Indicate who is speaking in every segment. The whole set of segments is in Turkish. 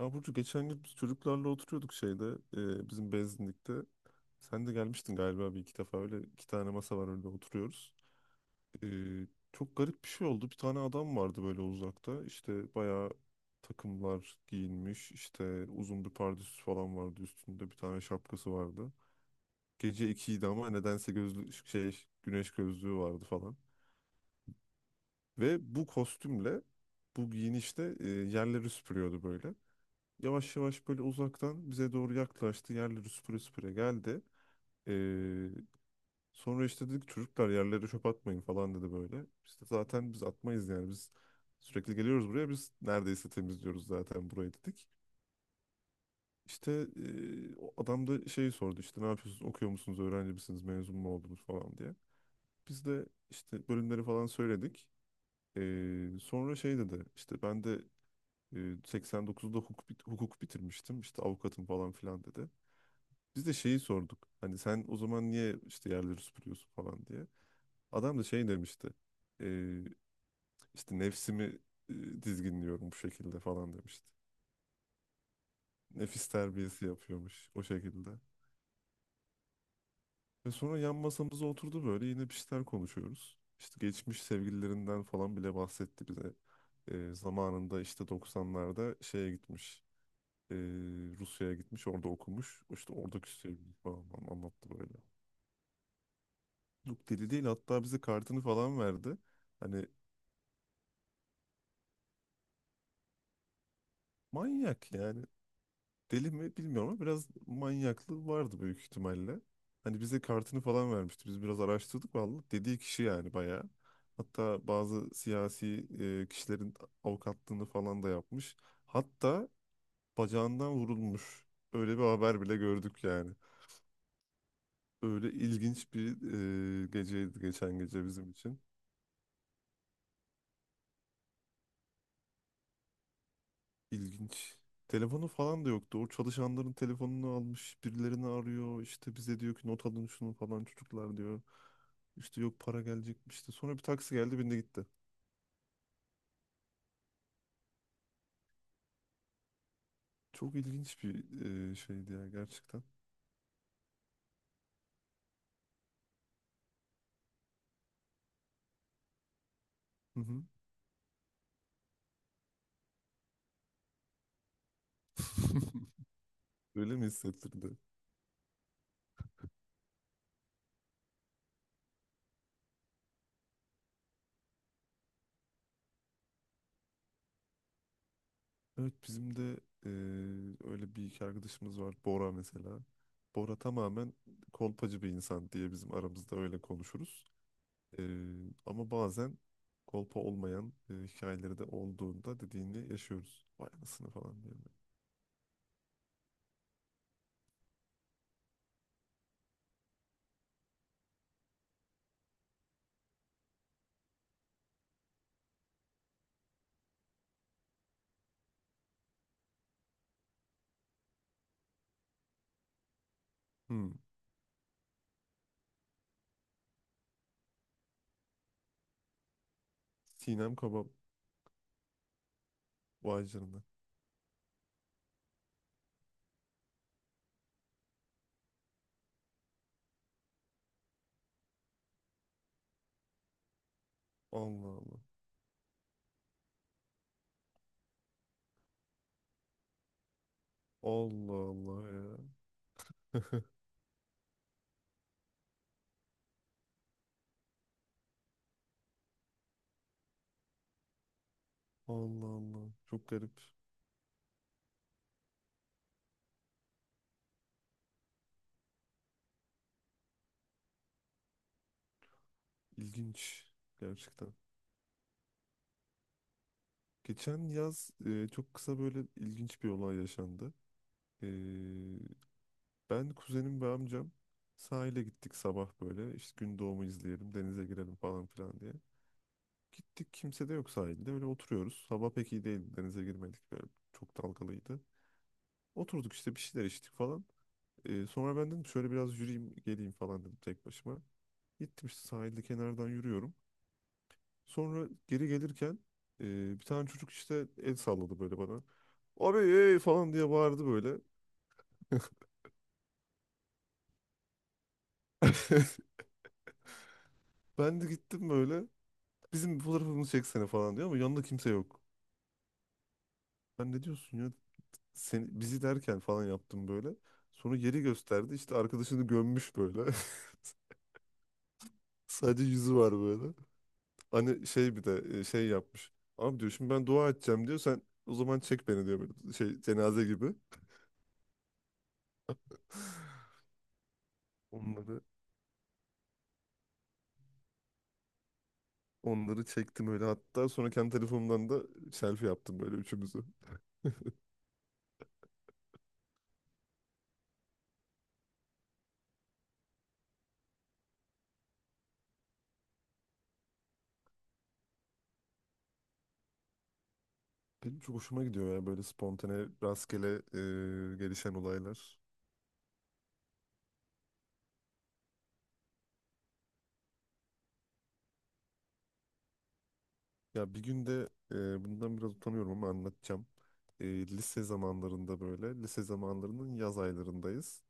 Speaker 1: Ya Burcu geçen gün biz çocuklarla oturuyorduk bizim benzinlikte. Sen de gelmiştin galiba bir iki defa, öyle iki tane masa var önünde oturuyoruz. E, Çok garip bir şey oldu. Bir tane adam vardı böyle uzakta. İşte bayağı takımlar giyinmiş, işte uzun bir pardösü falan vardı üstünde. Bir tane şapkası vardı. Gece ikiydi ama nedense gözlü şey, güneş gözlüğü vardı falan. Ve bu kostümle bu giyinişle yerleri süpürüyordu böyle. Yavaş yavaş böyle uzaktan bize doğru yaklaştı. Yerleri süpüre süpüre geldi. Ee, Sonra işte dedik, çocuklar yerlere çöp atmayın falan dedi böyle. İşte zaten biz atmayız, yani biz sürekli geliyoruz buraya, biz neredeyse temizliyoruz zaten burayı dedik. İşte o adam da şeyi sordu, işte ne yapıyorsunuz, okuyor musunuz, öğrenci misiniz, mezun mu oldunuz falan diye. Biz de işte bölümleri falan söyledik. Sonra şey dedi, işte ben de ee, 89'da hukuk, hukuk bitirmiştim, işte avukatım falan filan dedi. Biz de şeyi sorduk. Hani sen o zaman niye işte yerleri süpürüyorsun falan diye. Adam da şey demişti. Ee, işte nefsimi dizginliyorum bu şekilde falan demişti. Nefis terbiyesi yapıyormuş o şekilde. Ve sonra yan masamıza oturdu, böyle yine bir şeyler konuşuyoruz. İşte geçmiş sevgililerinden falan bile bahsetti bize. Zamanında işte 90'larda şeye gitmiş. ee, Rusya'ya gitmiş, orada okumuş. İşte oradaki sevgili falan anlattı böyle. Yok, deli değil, hatta bize kartını falan verdi. Hani manyak yani. Deli mi bilmiyorum ama biraz manyaklığı vardı büyük ihtimalle. Hani bize kartını falan vermişti. Biz biraz araştırdık, vallahi dediği kişi yani bayağı. Hatta bazı siyasi kişilerin avukatlığını falan da yapmış. Hatta bacağından vurulmuş. Öyle bir haber bile gördük yani. Öyle ilginç bir geceydi geçen gece bizim için. İlginç. Telefonu falan da yoktu. O çalışanların telefonunu almış, birilerini arıyor. İşte bize diyor ki, not alın şunu falan çocuklar diyor. İşte yok, para gelecekmiş işte. Sonra bir taksi geldi, bindi gitti. Çok ilginç bir şeydi ya gerçekten. Hı hı. Öyle mi hissettirdi? Evet, bizim de e, öyle bir iki arkadaşımız var. Bora mesela. Bora tamamen kolpacı bir insan diye bizim aramızda öyle konuşuruz. Ee, Ama bazen kolpa olmayan hikayeleri de olduğunda dediğini yaşıyoruz. Vay anasını falan diyorum. Ben. Hmm. Sinem Kaba, vay canına. Allah Allah. Allah Allah ya. Allah Allah. Çok garip. İlginç. Gerçekten. Geçen yaz çok kısa böyle ilginç bir olay yaşandı. E, Ben, kuzenim ve amcam sahile gittik sabah böyle. İşte gün doğumu izleyelim, denize girelim falan filan diye. Gittik, kimse de yok sahilde. Öyle oturuyoruz. Hava pek iyi değildi. Denize girmedik. Böyle çok dalgalıydı. Oturduk işte bir şeyler içtik falan. Sonra ben dedim, şöyle biraz yürüyeyim geleyim falan dedim, tek başıma. Gittim işte sahilde kenardan yürüyorum. Sonra geri gelirken bir tane çocuk işte el salladı böyle bana. "Abi ey!" falan diye bağırdı böyle. Ben de gittim böyle. Bizim bir fotoğrafımızı çeksene falan diyor ama yanında kimse yok. Ben, ne diyorsun ya? Seni, bizi derken falan yaptım böyle. Sonra yeri gösterdi. İşte arkadaşını gömmüş böyle. Sadece yüzü var böyle. Hani şey, bir de şey yapmış. Abi diyor, şimdi ben dua edeceğim diyor. Sen o zaman çek beni diyor böyle, şey cenaze gibi. Onları Onları çektim öyle, hatta sonra kendi telefonumdan da selfie yaptım böyle üçümüzü. Benim çok hoşuma gidiyor ya böyle spontane rastgele gelişen olaylar. Ya bir gün de bundan biraz utanıyorum ama anlatacağım. Lise zamanlarında böyle, lise zamanlarının yaz aylarındayız.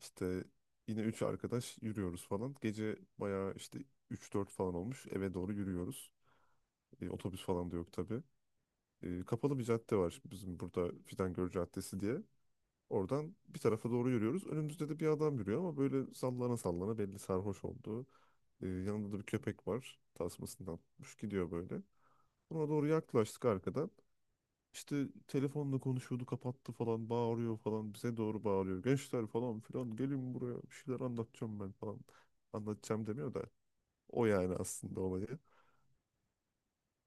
Speaker 1: İşte yine üç arkadaş yürüyoruz falan. Gece bayağı işte üç dört falan olmuş. Eve doğru yürüyoruz. Otobüs falan da yok tabii. Kapalı bir cadde var şimdi bizim burada, Fidangör Caddesi diye. Oradan bir tarafa doğru yürüyoruz. Önümüzde de bir adam yürüyor ama böyle sallana sallana, belli sarhoş oldu. Yanında da bir köpek var. Tasmasından tutmuş gidiyor böyle. Buna doğru yaklaştık arkadan. İşte telefonla konuşuyordu, kapattı falan, bağırıyor falan, bize doğru bağırıyor. Gençler falan filan gelin buraya, bir şeyler anlatacağım ben falan. Anlatacağım demiyor da o, yani aslında olayı.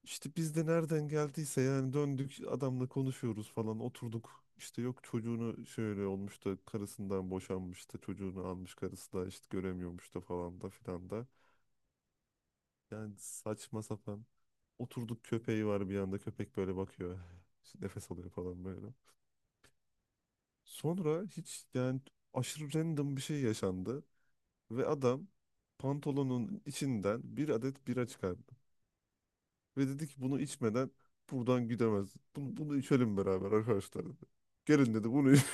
Speaker 1: İşte biz de nereden geldiyse yani, döndük adamla konuşuyoruz falan, oturduk. İşte yok, çocuğunu şöyle olmuş da, karısından boşanmış da, çocuğunu almış karısı da işte göremiyormuş da falan da filan da. Yani saçma sapan oturduk, köpeği var, bir anda köpek böyle bakıyor. Nefes alıyor falan böyle. Sonra hiç yani aşırı random bir şey yaşandı ve adam pantolonun içinden bir adet bira çıkardı. Ve dedi ki bunu içmeden buradan gidemez. Bunu içelim beraber arkadaşlar dedi. Gelin dedi,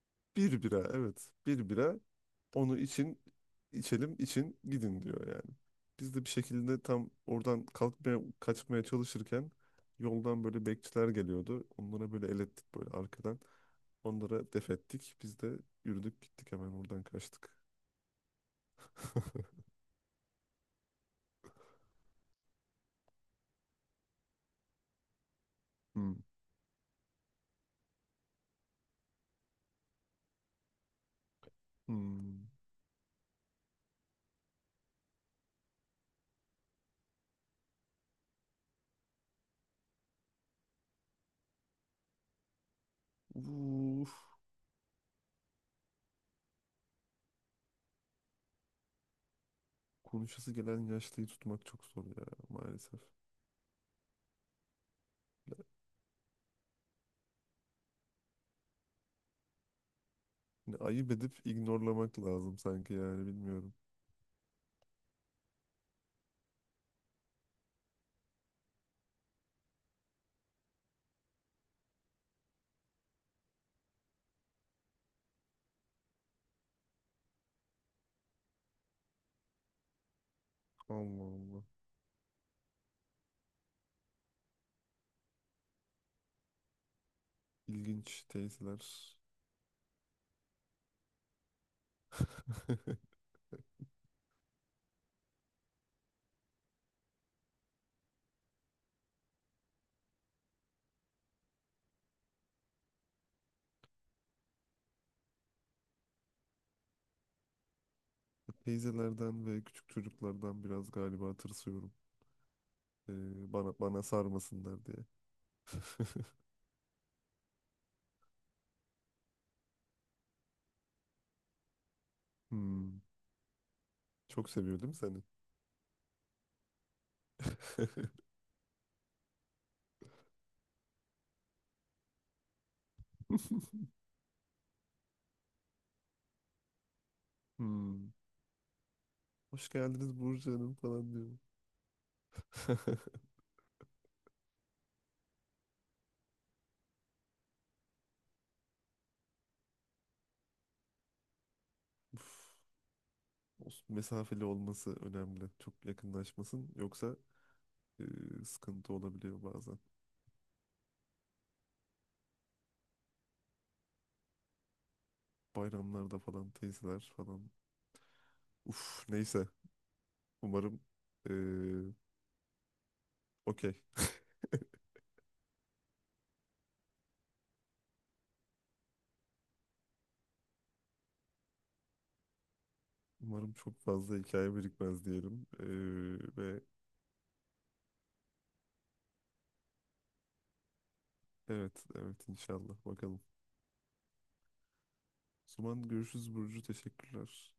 Speaker 1: bir bira, evet, bir bira, onu için içelim için gidin diyor yani. Biz de bir şekilde tam oradan kalkmaya kaçmaya çalışırken yoldan böyle bekçiler geliyordu. Onlara böyle el ettik böyle arkadan. Onlara def ettik. Biz de yürüdük gittik, hemen oradan kaçtık. Hmm. Hmm. Uf, konuşası gelen yaşlıyı tutmak çok zor ya maalesef. Yani ayıp edip ignorlamak lazım sanki yani, bilmiyorum. Allah Allah. İlginç teyzeler. Teyzelerden ve küçük çocuklardan biraz galiba tırsıyorum. Ee, bana sarmasınlar diye. Hmm. Çok seviyor değil mi seni? Hmm. Hoş geldiniz Burcu Hanım falan diyor. Olsun, mesafeli olması önemli. Çok yakınlaşmasın. Yoksa e, sıkıntı olabiliyor bazen. Bayramlarda falan teyzeler falan. Uf neyse. Umarım e, okey. Umarım çok fazla hikaye birikmez diyelim. Ve evet, inşallah bakalım. O zaman görüşürüz Burcu. Teşekkürler.